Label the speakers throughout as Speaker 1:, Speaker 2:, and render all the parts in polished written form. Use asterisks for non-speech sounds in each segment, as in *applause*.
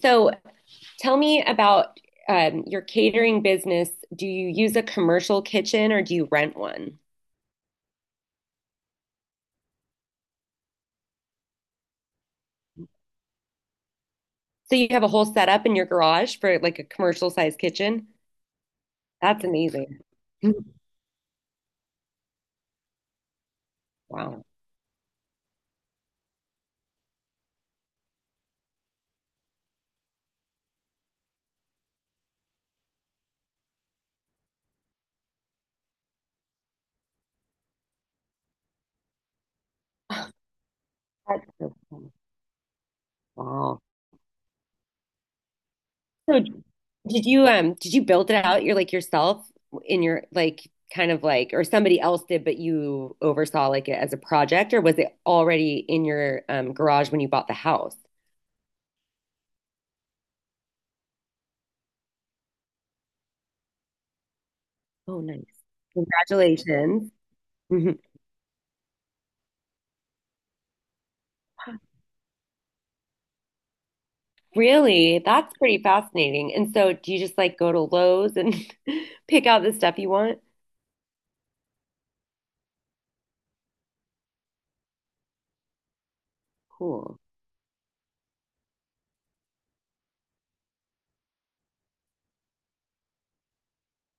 Speaker 1: So tell me about your catering business. Do you use a commercial kitchen or do you rent one? So you have a whole setup in your garage for like a commercial size kitchen? That's amazing. Wow. That's so cool. Wow. So did you build it out? You're like yourself in your like kind of like or somebody else did, but you oversaw like it as a project, or was it already in your garage when you bought the house? Oh, nice. Congratulations. Mhm. Really? That's pretty fascinating. And so do you just like go to Lowe's and *laughs* pick out the stuff you want? Cool.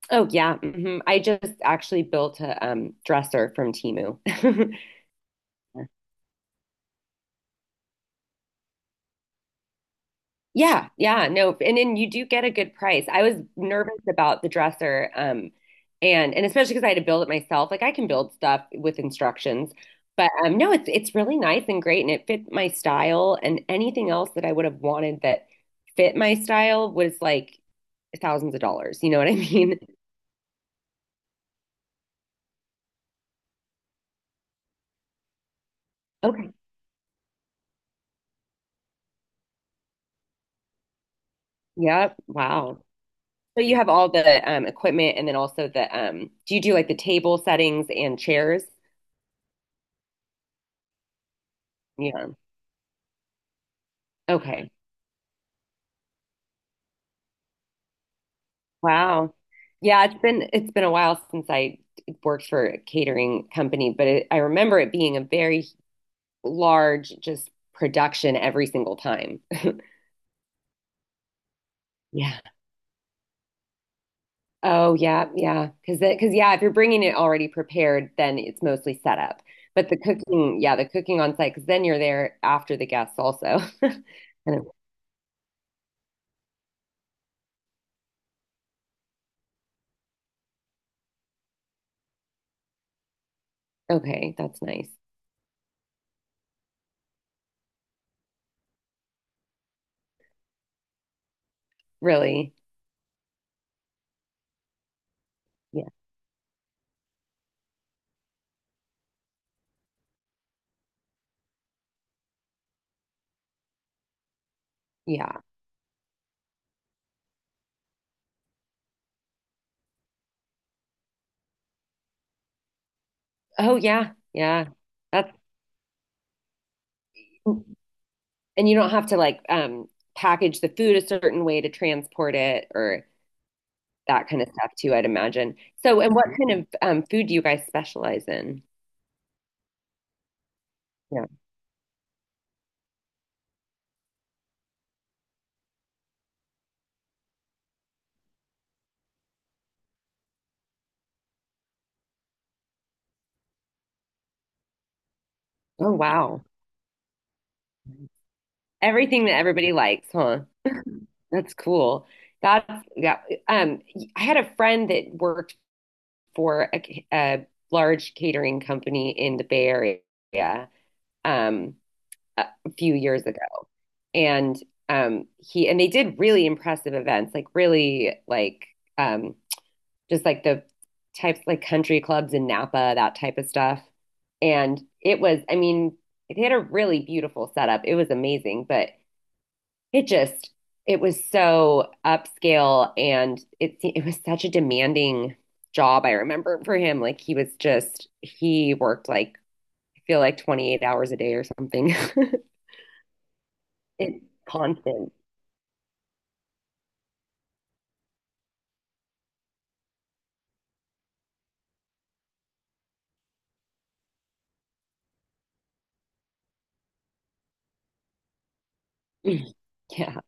Speaker 1: Oh yeah. I just actually built a dresser from Temu. *laughs* Yeah, yeah, no, and then you do get a good price. I was nervous about the dresser, and especially because I had to build it myself. Like I can build stuff with instructions, but no, it's really nice and great, and it fit my style. And anything else that I would have wanted that fit my style was like thousands of dollars. You know what I *laughs* mean? Okay. Yep. Wow. So you have all the equipment and then also the do you do like the table settings and chairs? Yeah. Okay. Wow. Yeah, it's been a while since I worked for a catering company, but I remember it being a very large just production every single time. *laughs* Yeah. Oh yeah, yeah. Because yeah, if you're bringing it already prepared, then it's mostly set up. But the cooking, yeah, the cooking on site, because then you're there after the guests also. *laughs* And it- okay, that's nice. Really? Yeah, yeah. Oh yeah, yeah. That's and you don't have to like package the food a certain way to transport it or that kind of stuff too, I'd imagine. So, and what kind of food do you guys specialize in? Yeah. Oh wow. Everything that everybody likes, huh? That's cool. That's yeah. Um, I had a friend that worked for a large catering company in the Bay Area, um, a few years ago, and he and they did really impressive events, like really like um, just like the types like country clubs in Napa, that type of stuff. And it was, I mean, they had a really beautiful setup. It was amazing, but it just, it was so upscale and it was such a demanding job, I remember for him. Like he was just he worked like I feel like 28 hours a day or something. *laughs* It's constant. *clears throat* *laughs* Yeah.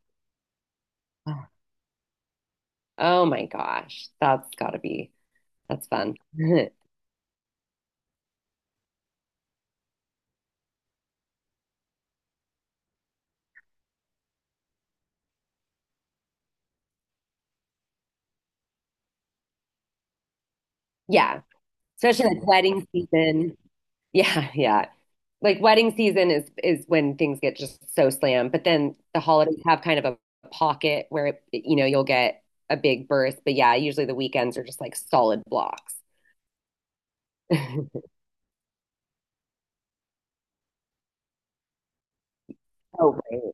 Speaker 1: Oh my gosh. That's gotta be that's fun. *laughs* Yeah. Especially like wedding season. Yeah, yeah. Like wedding season is when things get just so slammed. But then the holidays have kind of a pocket where you know you'll get a big burst. But yeah, usually the weekends are just like solid blocks. *laughs* Oh, right.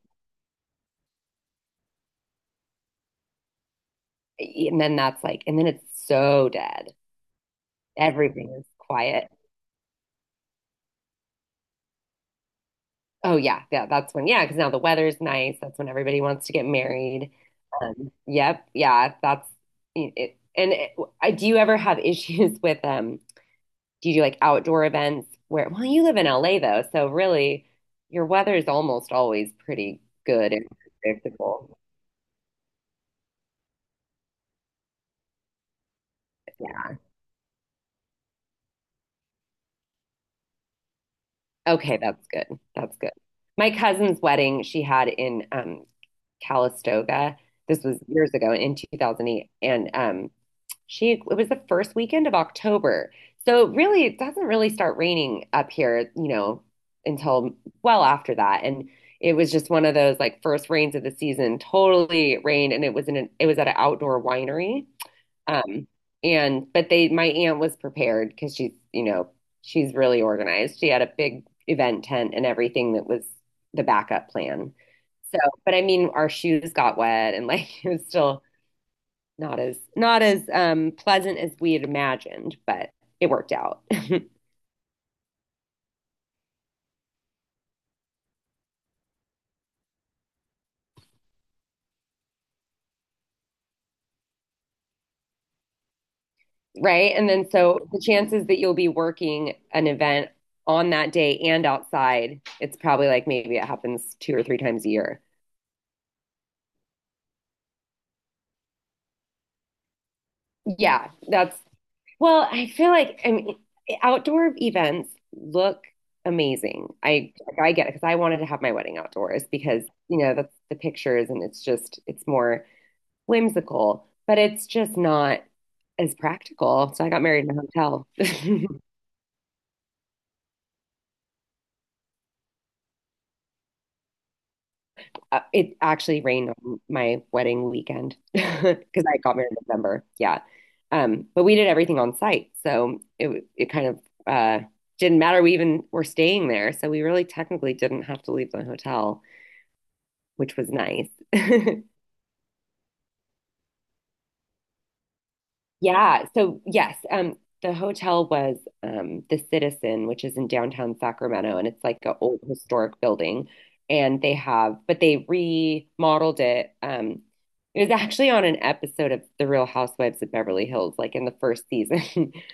Speaker 1: And then it's so dead. Everything is quiet. Oh yeah, yeah. That's when yeah, because now the weather's nice. That's when everybody wants to get married. Yep, yeah. That's it. Do you ever have *laughs* issues with Do you do like outdoor events where, well, you live in LA though, so really your weather is almost always pretty good and predictable. Yeah. Okay, that's good. That's good. My cousin's wedding she had in Calistoga. This was years ago in 2008 and she, it was the first weekend of October. So really, it doesn't really start raining up here, you know, until well after that. And it was just one of those like first rains of the season, totally rained. And it was it was at an outdoor winery. Um, and, but they, my aunt was prepared because she's, you know, she's really organized. She had a big event tent and everything that was the backup plan. So, but I mean, our shoes got wet and like *laughs* it was still, not as pleasant as we had imagined, but it worked out, *laughs* right? And then so the chances that you'll be working an event on that day and outside, it's probably like maybe it happens two or three times a year. Yeah, that's well, I feel like I mean outdoor events look amazing. I get it because I wanted to have my wedding outdoors because, you know, that's the pictures and it's more whimsical, but it's just not as practical. So I got married in a hotel. *laughs* It actually rained on my wedding weekend *laughs* because I got married in November. Yeah. But we did everything on site. So it kind of uh didn't matter. We even were staying there. So we really technically didn't have to leave the hotel, which was nice. Yeah. So yes, the hotel was the Citizen, which is in downtown Sacramento, and it's like an old historic building. And they have, but they remodeled it. It was actually on an episode of The Real Housewives of Beverly Hills, like in the first season. *laughs*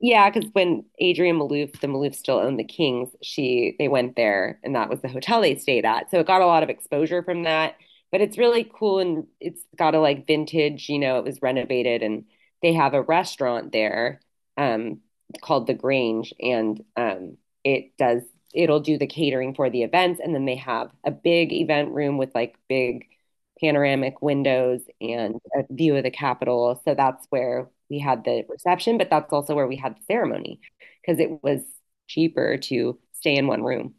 Speaker 1: Yeah, because when Adrian Malouf, the Maloufs still owned the Kings, she they went there and that was the hotel they stayed at. So it got a lot of exposure from that. But it's really cool and it's got a like vintage, you know, it was renovated and they have a restaurant there um called The Grange and it does it'll do the catering for the events and then they have a big event room with like big panoramic windows and a view of the Capitol. So that's where we had the reception, but that's also where we had the ceremony because it was cheaper to stay in one room.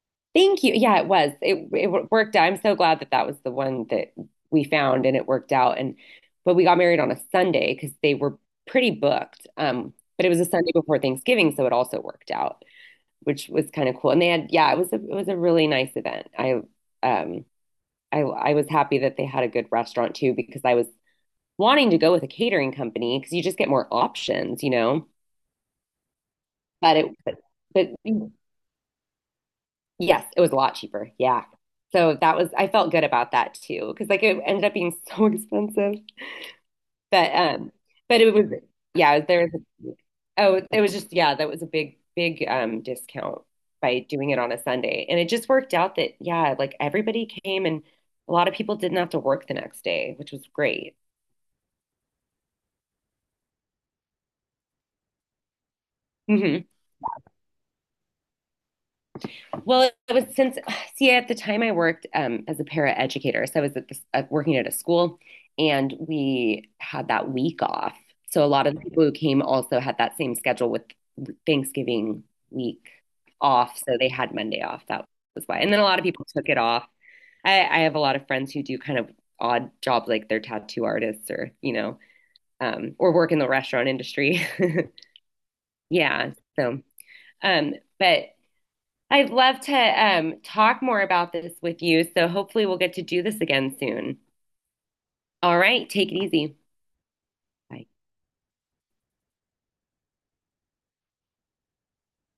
Speaker 1: *laughs* Thank you. Yeah, it was. It worked out. I'm so glad that that was the one that we found and it worked out. And but we got married on a Sunday because they were pretty booked. But it was a Sunday before Thanksgiving, so it also worked out, which was kind of cool. And they had yeah, it was a really nice event. Um I was happy that they had a good restaurant too because I was wanting to go with a catering company because you just get more options, you know. But it but yes, it was a lot cheaper. Yeah. So that was I felt good about that too because like it ended up being *laughs* so expensive. But um but it was yeah, there was oh it was just yeah, that was a big discount by doing it on a Sunday. And it just worked out that yeah, like everybody came and a lot of people didn't have to work the next day, which was great. hmm Well, it was since, *sighs* see, at the time I worked as a para educator. So I was at this, working at a school and we had that week off. So a lot of the people who came also had that same schedule with Thanksgiving week off. So they had Monday off. That was why. And then a lot of people took it off. I have a lot of friends who do kind of odd jobs like they're tattoo artists or, you know, or work in the restaurant industry. *laughs* yeah. So, um, but I'd love to talk more about this with you, so hopefully we'll get to do this again soon. All right, take it easy. Bye.